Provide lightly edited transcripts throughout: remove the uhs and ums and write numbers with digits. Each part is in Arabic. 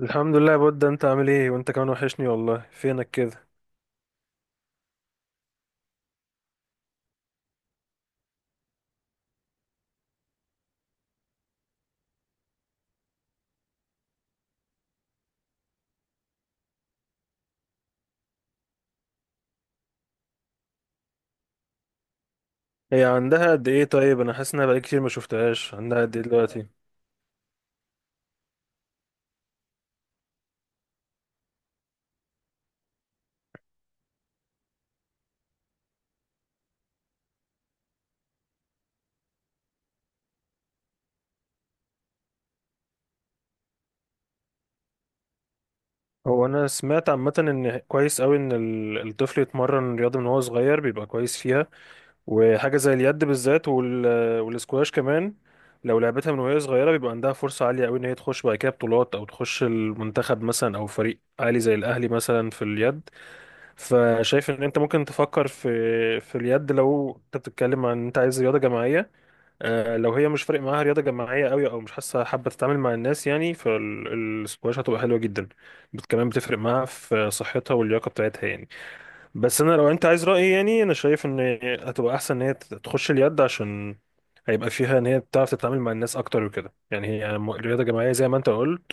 الحمد لله يا بود، انت عامل ايه؟ وانت كمان وحشني والله. فينك كده؟ هي عندها قد ايه؟ طيب انا حاسس انها بقالي كتير ما شفتهاش. عندها قد ايه دلوقتي؟ هو انا سمعت عامه ان كويس قوي ان الطفل يتمرن رياضه من هو صغير، بيبقى كويس فيها. وحاجه زي اليد بالذات والاسكواش كمان، لو لعبتها من وهي صغيره بيبقى عندها فرصه عاليه قوي ان هي تخش بعد كده بطولات او تخش المنتخب مثلا او فريق عالي زي الاهلي مثلا في اليد. فشايف ان انت ممكن تفكر في اليد، لو انت بتتكلم عن انت عايز رياضه جماعيه. لو هي مش فارق معاها رياضة جماعية قوي او مش حاسة حابة تتعامل مع الناس يعني، فالسكواش هتبقى حلوة جدا. كمان بتفرق معاها في صحتها واللياقة بتاعتها يعني. بس انا لو انت عايز رأيي، يعني انا شايف ان هتبقى احسن ان هي تخش اليد، عشان هيبقى فيها ان هي بتعرف تتعامل مع الناس اكتر وكده. يعني هي رياضة جماعية زي ما انت قلت.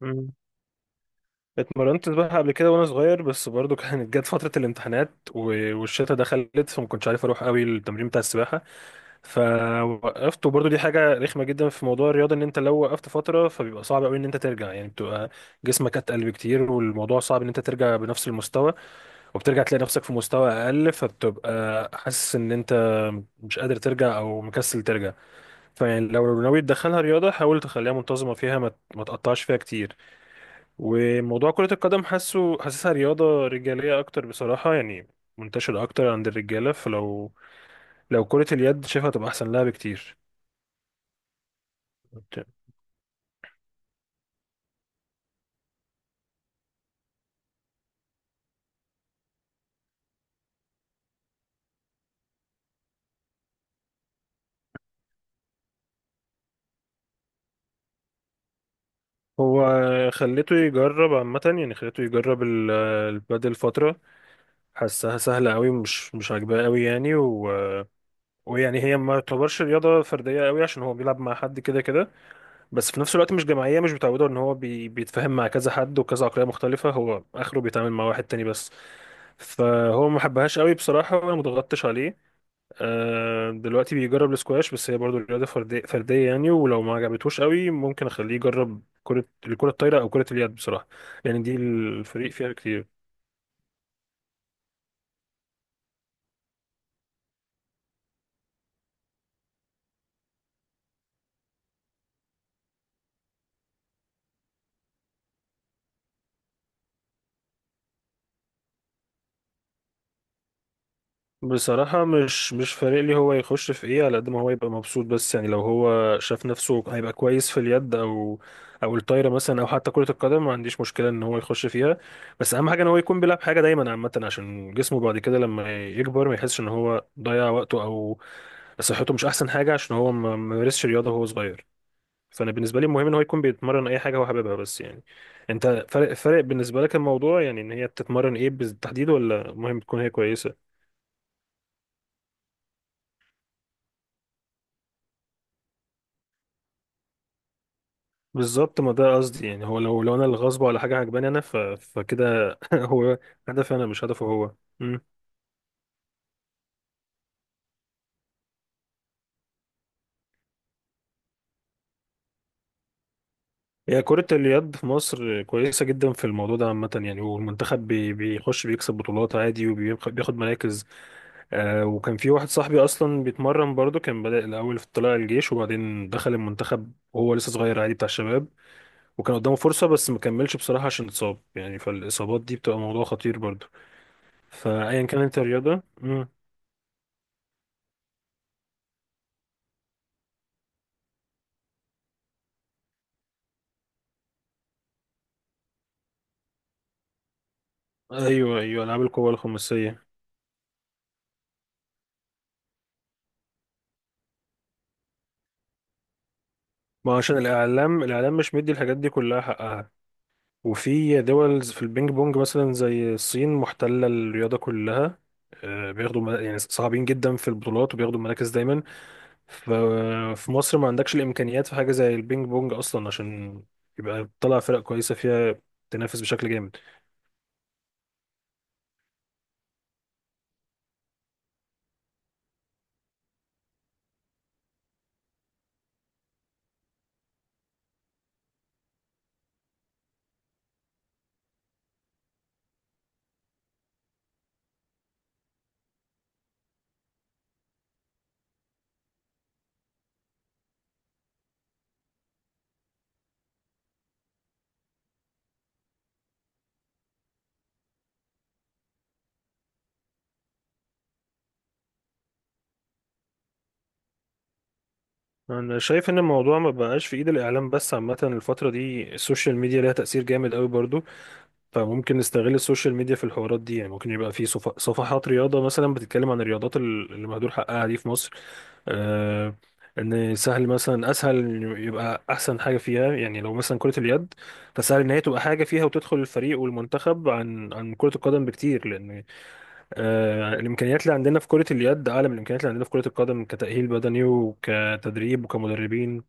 مم. اتمرنت سباحة قبل كده وانا صغير، بس برضو كانت جت فترة الامتحانات والشتا دخلت، فما كنتش عارف اروح قوي التمرين بتاع السباحة فوقفت. وبرضه دي حاجة رخمة جدا في موضوع الرياضة، ان انت لو وقفت فترة فبيبقى صعب قوي ان انت ترجع. يعني بتبقى جسمك اتقل بكتير والموضوع صعب ان انت ترجع بنفس المستوى، وبترجع تلاقي نفسك في مستوى اقل، فبتبقى حاسس ان انت مش قادر ترجع او مكسل ترجع. فيعني لو ناوي تدخلها رياضة حاول تخليها منتظمة فيها، ما تقطعش فيها كتير. وموضوع كرة القدم، حاسسها رياضة رجالية اكتر بصراحة يعني، منتشرة اكتر عند الرجالة. لو كرة اليد شايفها تبقى احسن لها بكتير. هو خليته يجرب عامة، يعني خليته يجرب البادل فترة. حسها سهلة قوي، مش عاجباه قوي يعني ويعني هي ما تعتبرش رياضة فردية قوي عشان هو بيلعب مع حد كده كده، بس في نفس الوقت مش جماعية، مش متعودة ان هو بيتفاهم مع كذا حد وكذا عقلية مختلفة. هو اخره بيتعامل مع واحد تاني بس، فهو ما حبهاش قوي بصراحة وانا مضغطتش عليه. دلوقتي بيجرب السكواش، بس هي برضو رياضة فردية فردية يعني، ولو ما عجبتهوش قوي ممكن اخليه يجرب الكرة الطايرة او كرة اليد بصراحة. يعني دي الفريق فيها كتير. بصراحة مش فارق لي هو يخش في ايه، على قد ما هو يبقى مبسوط. بس يعني لو هو شاف نفسه هيبقى كويس في اليد او الطايرة مثلا او حتى كرة القدم، ما عنديش مشكلة ان هو يخش فيها. بس اهم حاجة ان هو يكون بيلعب حاجة دايما عامة، عشان جسمه بعد كده لما يكبر ما يحسش ان هو ضيع وقته او صحته مش احسن حاجه عشان هو ما مارسش رياضه وهو صغير. فانا بالنسبه لي المهم ان هو يكون بيتمرن اي حاجه هو حاببها بس يعني. انت فرق بالنسبه لك الموضوع، يعني ان هي بتتمرن ايه بالتحديد، ولا المهم تكون هي كويسه؟ بالظبط، ما ده قصدي. يعني هو لو انا اللي غصب ولا حاجه عجباني انا فكده هو هدفي انا مش هدفه هو. مم. هي كرة اليد في مصر كويسة جدا في الموضوع ده عامة يعني، والمنتخب بيخش بيكسب بطولات عادي وبياخد مراكز. وكان في واحد صاحبي اصلا بيتمرن برضه، كان بدأ الاول في طلائع الجيش وبعدين دخل المنتخب وهو لسه صغير عادي بتاع الشباب، وكان قدامه فرصة بس ما كملش بصراحة عشان اتصاب يعني. فالاصابات دي بتبقى موضوع خطير برضه، فايا كانت الرياضة. مم. ايوه ايوه، العاب القوى الخماسية. ما عشان الاعلام مش مدي الحاجات دي كلها حقها. وفي دول في البينج بونج مثلا زي الصين محتلة الرياضة كلها. يعني صعبين جدا في البطولات وبياخدوا مراكز دايما. ف- في مصر ما عندكش الامكانيات في حاجه زي البينج بونج اصلا، عشان يبقى تطلع فرق كويسه فيها تنافس بشكل جامد. انا شايف ان الموضوع ما بقاش في ايد الاعلام بس، عامه الفتره دي السوشيال ميديا ليها تاثير جامد قوي برضو. فممكن نستغل السوشيال ميديا في الحوارات دي، يعني ممكن يبقى في صفحات رياضة مثلا بتتكلم عن الرياضات اللي مهدور حقها دي في مصر. آه ان سهل مثلا، اسهل إن يبقى احسن حاجة فيها يعني لو مثلا كرة اليد، فسهل ان هي تبقى حاجة فيها وتدخل الفريق والمنتخب عن كرة القدم بكتير، لان الامكانيات اللي عندنا في كرة اليد اعلى من الامكانيات اللي عندنا في كرة القدم كتأهيل بدني وكتدريب وكمدربين.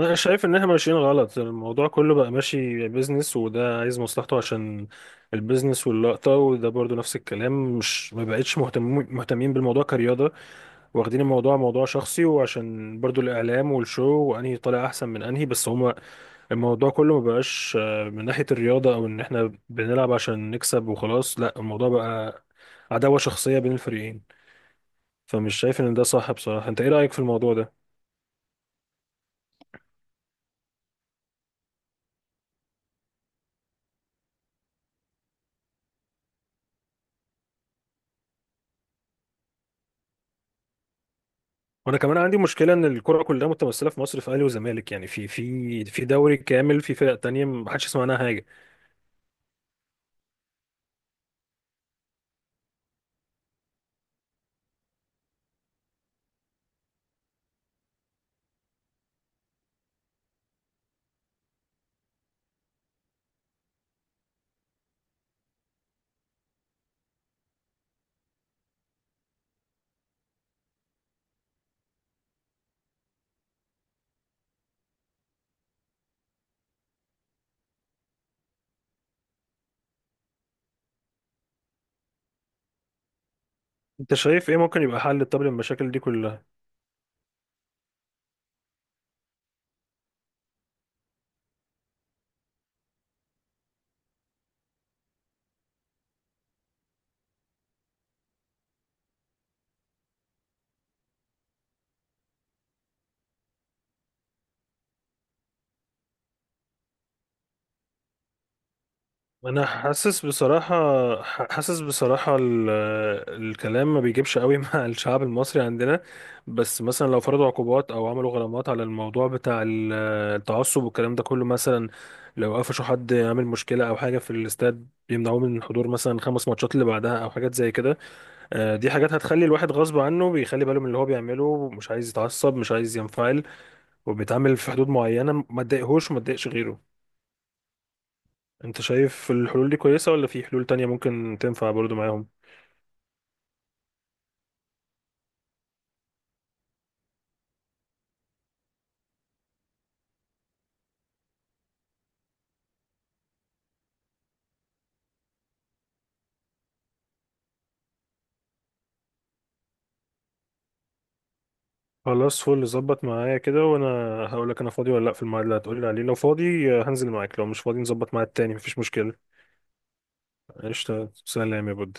انا شايف ان احنا ماشيين غلط، الموضوع كله بقى ماشي بيزنس وده عايز مصلحته عشان البيزنس واللقطة، وده برضو نفس الكلام، مش ما بقتش مهتمين بالموضوع كرياضة. واخدين الموضوع موضوع شخصي وعشان برضو الاعلام والشو وانهي طالع احسن من انهي. بس هما الموضوع كله ما بقاش من ناحية الرياضة، او ان احنا بنلعب عشان نكسب وخلاص، لا الموضوع بقى عداوة شخصية بين الفريقين. فمش شايف ان ده صح بصراحة. انت ايه رأيك في الموضوع ده؟ وانا كمان عندي مشكله ان الكره كلها متمثله في مصر في اهلي وزمالك، يعني في دوري كامل في فرق تانية ما حدش يسمع عنها حاجه. انت شايف ايه ممكن يبقى حل طب للمشاكل دي كلها؟ انا حاسس بصراحه، حاسس بصراحه ال- الكلام ما بيجيبش قوي مع الشعب المصري عندنا. بس مثلا لو فرضوا عقوبات او عملوا غرامات على الموضوع بتاع التعصب والكلام ده كله مثلا، لو قفشوا حد عامل مشكله او حاجه في الاستاد بيمنعوه من الحضور مثلا 5 ماتشات اللي بعدها او حاجات زي كده. دي حاجات هتخلي الواحد غصب عنه بيخلي باله من اللي هو بيعمله، مش عايز يتعصب مش عايز ينفعل، وبيتعامل في حدود معينة ما تضايقهوش وما تضايقش غيره. انت شايف الحلول دي كويسة ولا في حلول تانية ممكن تنفع برضو معاهم؟ خلاص فل، ظبط معايا كده وانا هقول لك انا فاضي ولا لا في الميعاد اللي هتقولي عليه. لو فاضي هنزل معاك، لو مش فاضي نظبط ميعاد تاني مفيش مشكلة. قشطة، سلام يا بود.